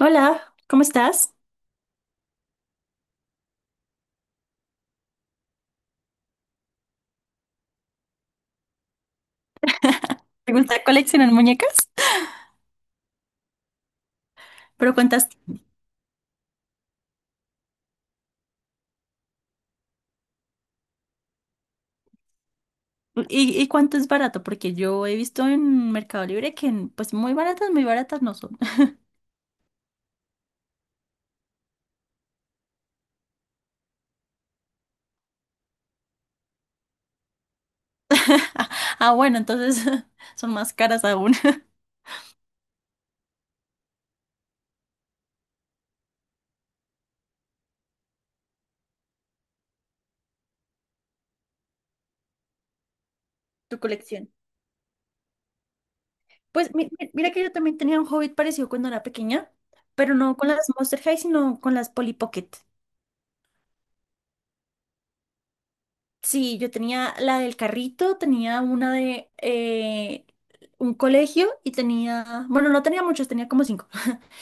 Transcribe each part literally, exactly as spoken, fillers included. Hola, ¿cómo estás? ¿Te gusta coleccionar muñecas? ¿Pero cuántas y, y cuánto es barato? Porque yo he visto en Mercado Libre que en- pues muy baratas, muy baratas no son. Ah, bueno, entonces son más caras aún. Tu colección. Pues mi- mi- mira que yo también tenía un hobby parecido cuando era pequeña, pero no con las Monster High, sino con las Polly Pocket. Sí, yo tenía la del carrito, tenía una de eh, un colegio y tenía, bueno, no tenía muchos, tenía como cinco.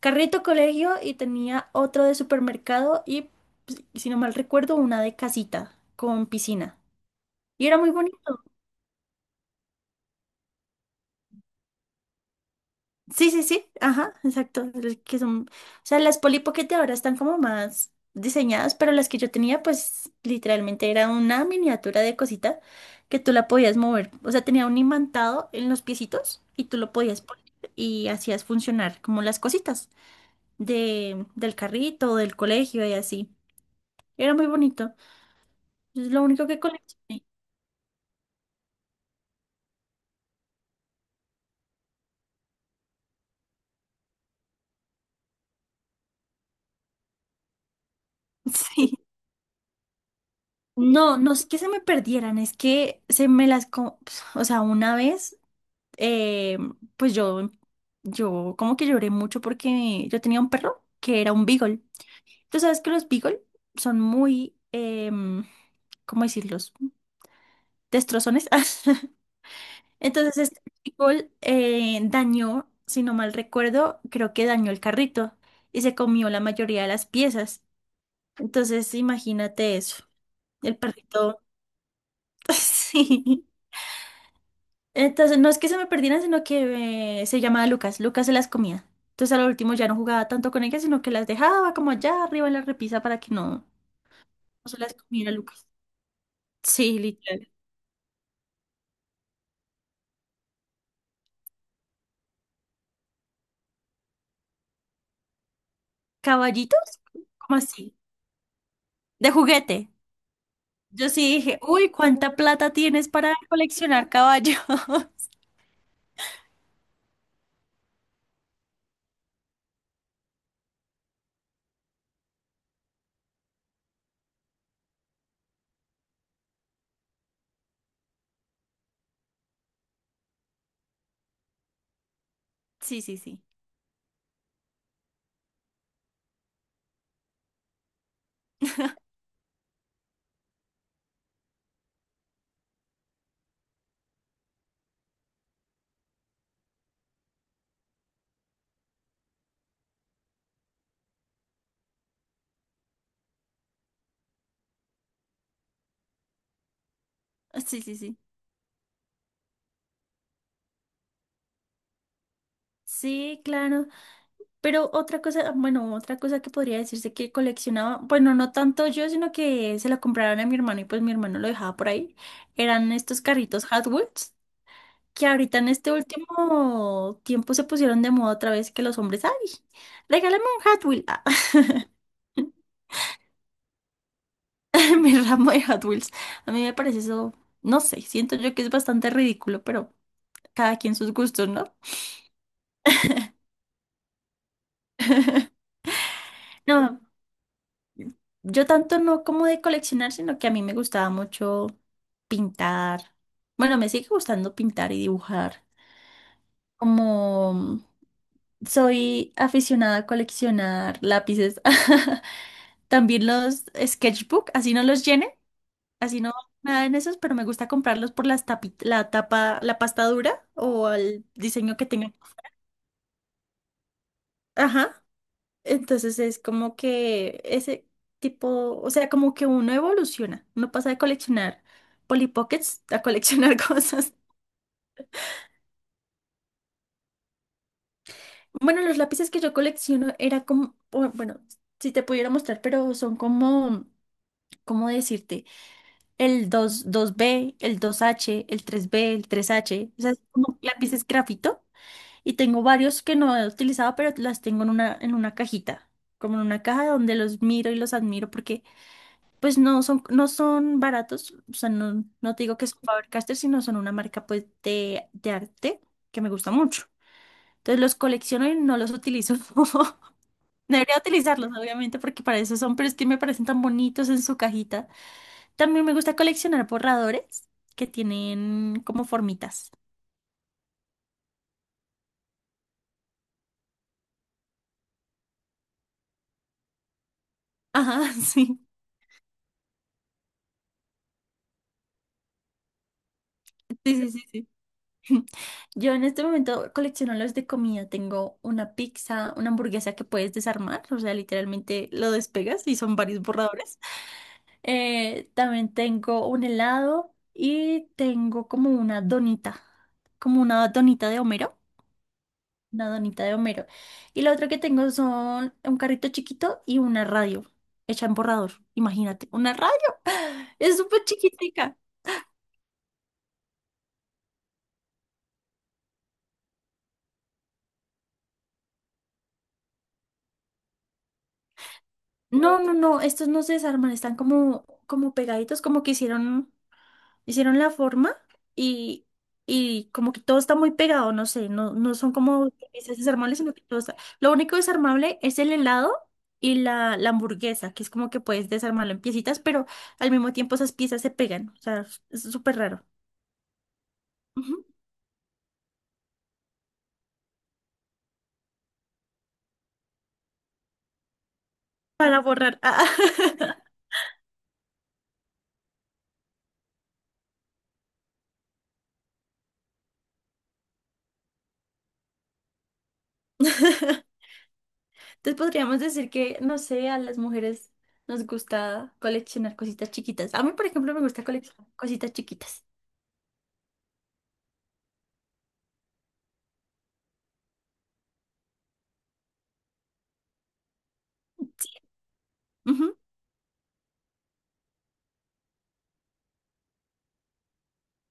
Carrito, colegio y tenía otro de supermercado y, pues, si no mal recuerdo, una de casita con piscina. Y era muy bonito. Sí, sí, sí, ajá, exacto. Es que son, o sea, las Polly Pocket de ahora están como más diseñadas, pero las que yo tenía, pues literalmente era una miniatura de cosita que tú la podías mover. O sea, tenía un imantado en los piecitos y tú lo podías poner y hacías funcionar como las cositas de, del carrito, del colegio y así. Era muy bonito. Es lo único que coleccioné. Sí. No, no es que se me perdieran, es que se me las... co- O sea, una vez, eh, pues yo, yo como que lloré mucho porque yo tenía un perro que era un beagle. Tú sabes que los beagle son muy, em, ¿cómo decirlos? Destrozones. Entonces este beagle eh, dañó, si no mal recuerdo, creo que dañó el carrito y se comió la mayoría de las piezas. Entonces imagínate eso. El perrito... Sí. Entonces, no es que se me perdieran, sino que eh, se llamaba Lucas. Lucas se las comía. Entonces, a al último ya no jugaba tanto con ellas, sino que las dejaba como allá arriba en la repisa para que no, no se las comiera Lucas. Sí, literal. ¿Caballitos? ¿Cómo así? De juguete. Yo sí dije, uy, ¿cuánta plata tienes para coleccionar caballos? Sí, sí, sí. Sí, sí, sí. Sí, claro. Pero otra cosa, bueno, otra cosa que podría decirse que coleccionaba, bueno, no tanto yo, sino que se la compraron a mi hermano y pues mi hermano lo dejaba por ahí, eran estos carritos Hot Wheels, que ahorita en este último tiempo se pusieron de moda otra vez que los hombres, ay, regálame un Hot Wheel, ah, mi ramo de Hot Wheels. A mí me parece eso, no sé, siento yo que es bastante ridículo, pero cada quien sus gustos, ¿no? No, yo tanto no como de coleccionar, sino que a mí me gustaba mucho pintar. Bueno, me sigue gustando pintar y dibujar. Como soy aficionada a coleccionar lápices, también los sketchbook, así no los llene, así no nada en esos, pero me gusta comprarlos por las tapi- la tapa, la pasta dura o el diseño que tengan. Ajá. Entonces es como que ese tipo, o sea, como que uno evoluciona, uno pasa de coleccionar Polly Pockets a coleccionar cosas. Bueno, los lápices que yo colecciono era como, o- bueno, si te pudiera mostrar, pero son como, ¿cómo decirte? El dos, dos be, el dos hache, el tres be, el tres hache, o sea, es como lápices grafito. Y tengo varios que no he utilizado, pero las tengo en una, en una cajita, como en una caja donde los miro y los admiro porque pues no son, no son baratos, o sea, no, no te digo que son Faber-Castell, sino son una marca pues de, de arte que me gusta mucho. Entonces los colecciono y no los utilizo. Debería utilizarlos, obviamente, porque para eso son, pero es que me parecen tan bonitos en su cajita. También me gusta coleccionar borradores que tienen como formitas. Ajá, sí. Sí, sí, sí, sí. Yo en este momento colecciono los de comida. Tengo una pizza, una hamburguesa que puedes desarmar, o sea, literalmente lo despegas y son varios borradores. Eh, también tengo un helado y tengo como una donita, como una donita de Homero, una donita de Homero. Y lo otro que tengo son un carrito chiquito y una radio hecha en borrador. Imagínate, una radio. Es súper chiquitica. No, no, no, estos no se desarman, están como, como pegaditos, como que hicieron. hicieron la forma y, y como que todo está muy pegado, no sé, no, no son como piezas desarmables, sino que todo está... Lo único desarmable es el helado y la, la hamburguesa, que es como que puedes desarmarlo en piecitas, pero al mismo tiempo esas piezas se pegan, o sea, es súper raro. Ujú. Para borrar. Ah. Entonces podríamos decir que, no sé, a las mujeres nos gusta coleccionar cositas chiquitas. A mí, por ejemplo, me gusta coleccionar cositas chiquitas. Sí. Ujú.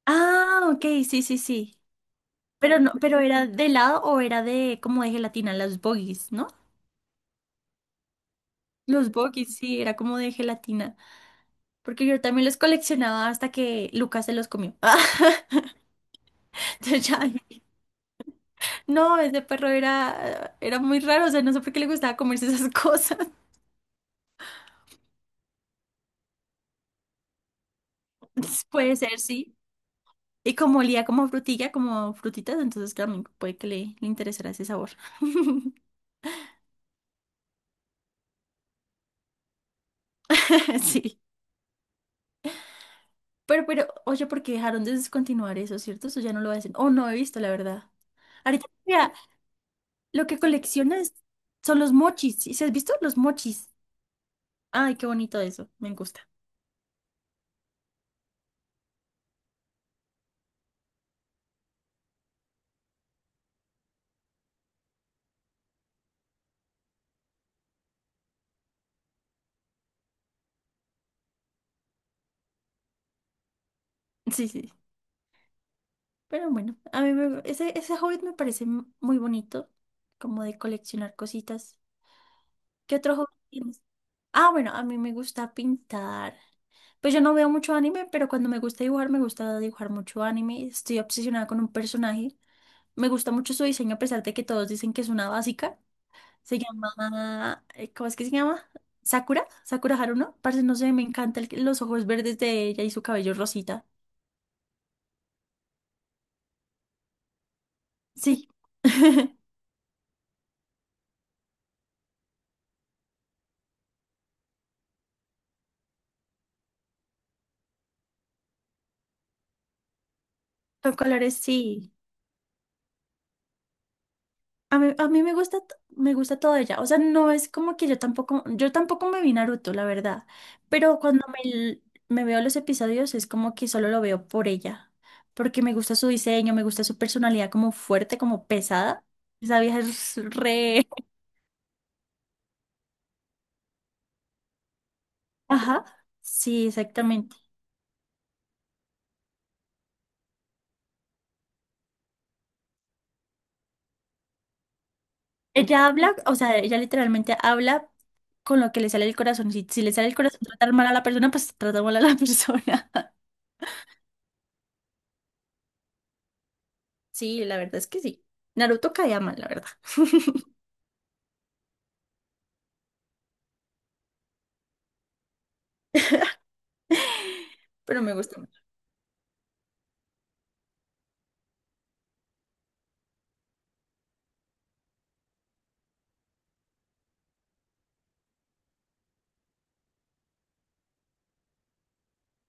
Ah, ok, sí, sí, sí. Pero no, pero era de helado o era de como de gelatina, las bogies, ¿no? Los bogies, sí, era como de gelatina. Porque yo también los coleccionaba hasta que Lucas se los comió. Entonces ya, dije, no, ese perro era, era muy raro, o sea, no sé por qué le gustaba comerse esas cosas. Puede ser, sí. Y como olía como frutilla, como frutitas, entonces también puede que le, le interesara ese sabor. Sí. Pero, pero, oye, porque dejaron de descontinuar eso, ¿cierto? Eso ya no lo hacen. Oh, no he visto, la verdad. Ahorita, lo que coleccionas son los mochis. ¿Sí has visto los mochis? Ay, qué bonito eso. Me gusta. Sí, sí. Pero bueno, a mí me- ese, ese hobby me parece m- muy bonito, como de coleccionar cositas. ¿Qué otro hobby tienes? Ah, bueno, a mí me gusta pintar. Pues yo no veo mucho anime, pero cuando me gusta dibujar, me gusta dibujar mucho anime. Estoy obsesionada con un personaje. Me gusta mucho su diseño, a pesar de que todos dicen que es una básica. Se llama, eh, ¿cómo es que se llama? Sakura, Sakura Haruno. Parce, no sé, me encanta el- los ojos verdes de ella y su cabello rosita. Sí. Con colores, sí. A mí, a mí me gusta, t- me gusta toda ella. O sea, no es como que yo tampoco, yo tampoco me vi Naruto, la verdad. Pero cuando me, l- me veo los episodios es como que solo lo veo por ella. Porque me gusta su diseño, me gusta su personalidad como fuerte, como pesada. Esa vieja es re... Ajá. Sí, exactamente. Ella habla, o sea, ella literalmente habla con lo que le sale del corazón. Si, si le sale el corazón tratar mal a la persona, pues trata mal a la persona. Sí, la verdad es que sí. Naruto caía mal, la verdad. Pero me gusta mucho.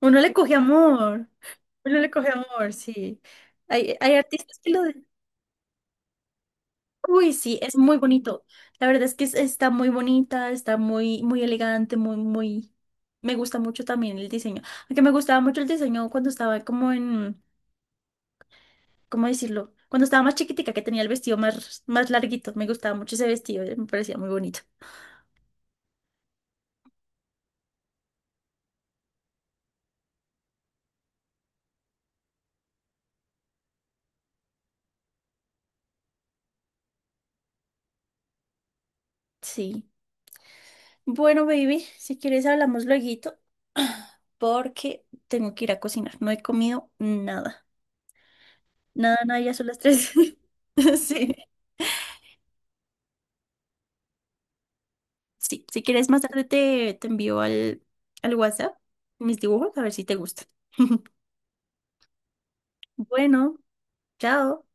Uno le coge amor. Uno le coge amor, sí. Hay, hay artistas que lo... de- Uy, sí, es muy bonito. La verdad es que es- está muy bonita, está muy, muy elegante, muy, muy... Me gusta mucho también el diseño. Aunque me gustaba mucho el diseño cuando estaba como en... ¿cómo decirlo? Cuando estaba más chiquitica, que tenía el vestido más, más larguito, me gustaba mucho ese vestido, eh, me parecía muy bonito. Sí. Bueno, baby, si quieres hablamos lueguito, porque tengo que ir a cocinar. No he comido nada. Nada, nada, ya son las tres. Sí. Sí, si quieres más tarde te, te envío al, al WhatsApp mis dibujos a ver si te gustan. Bueno, chao.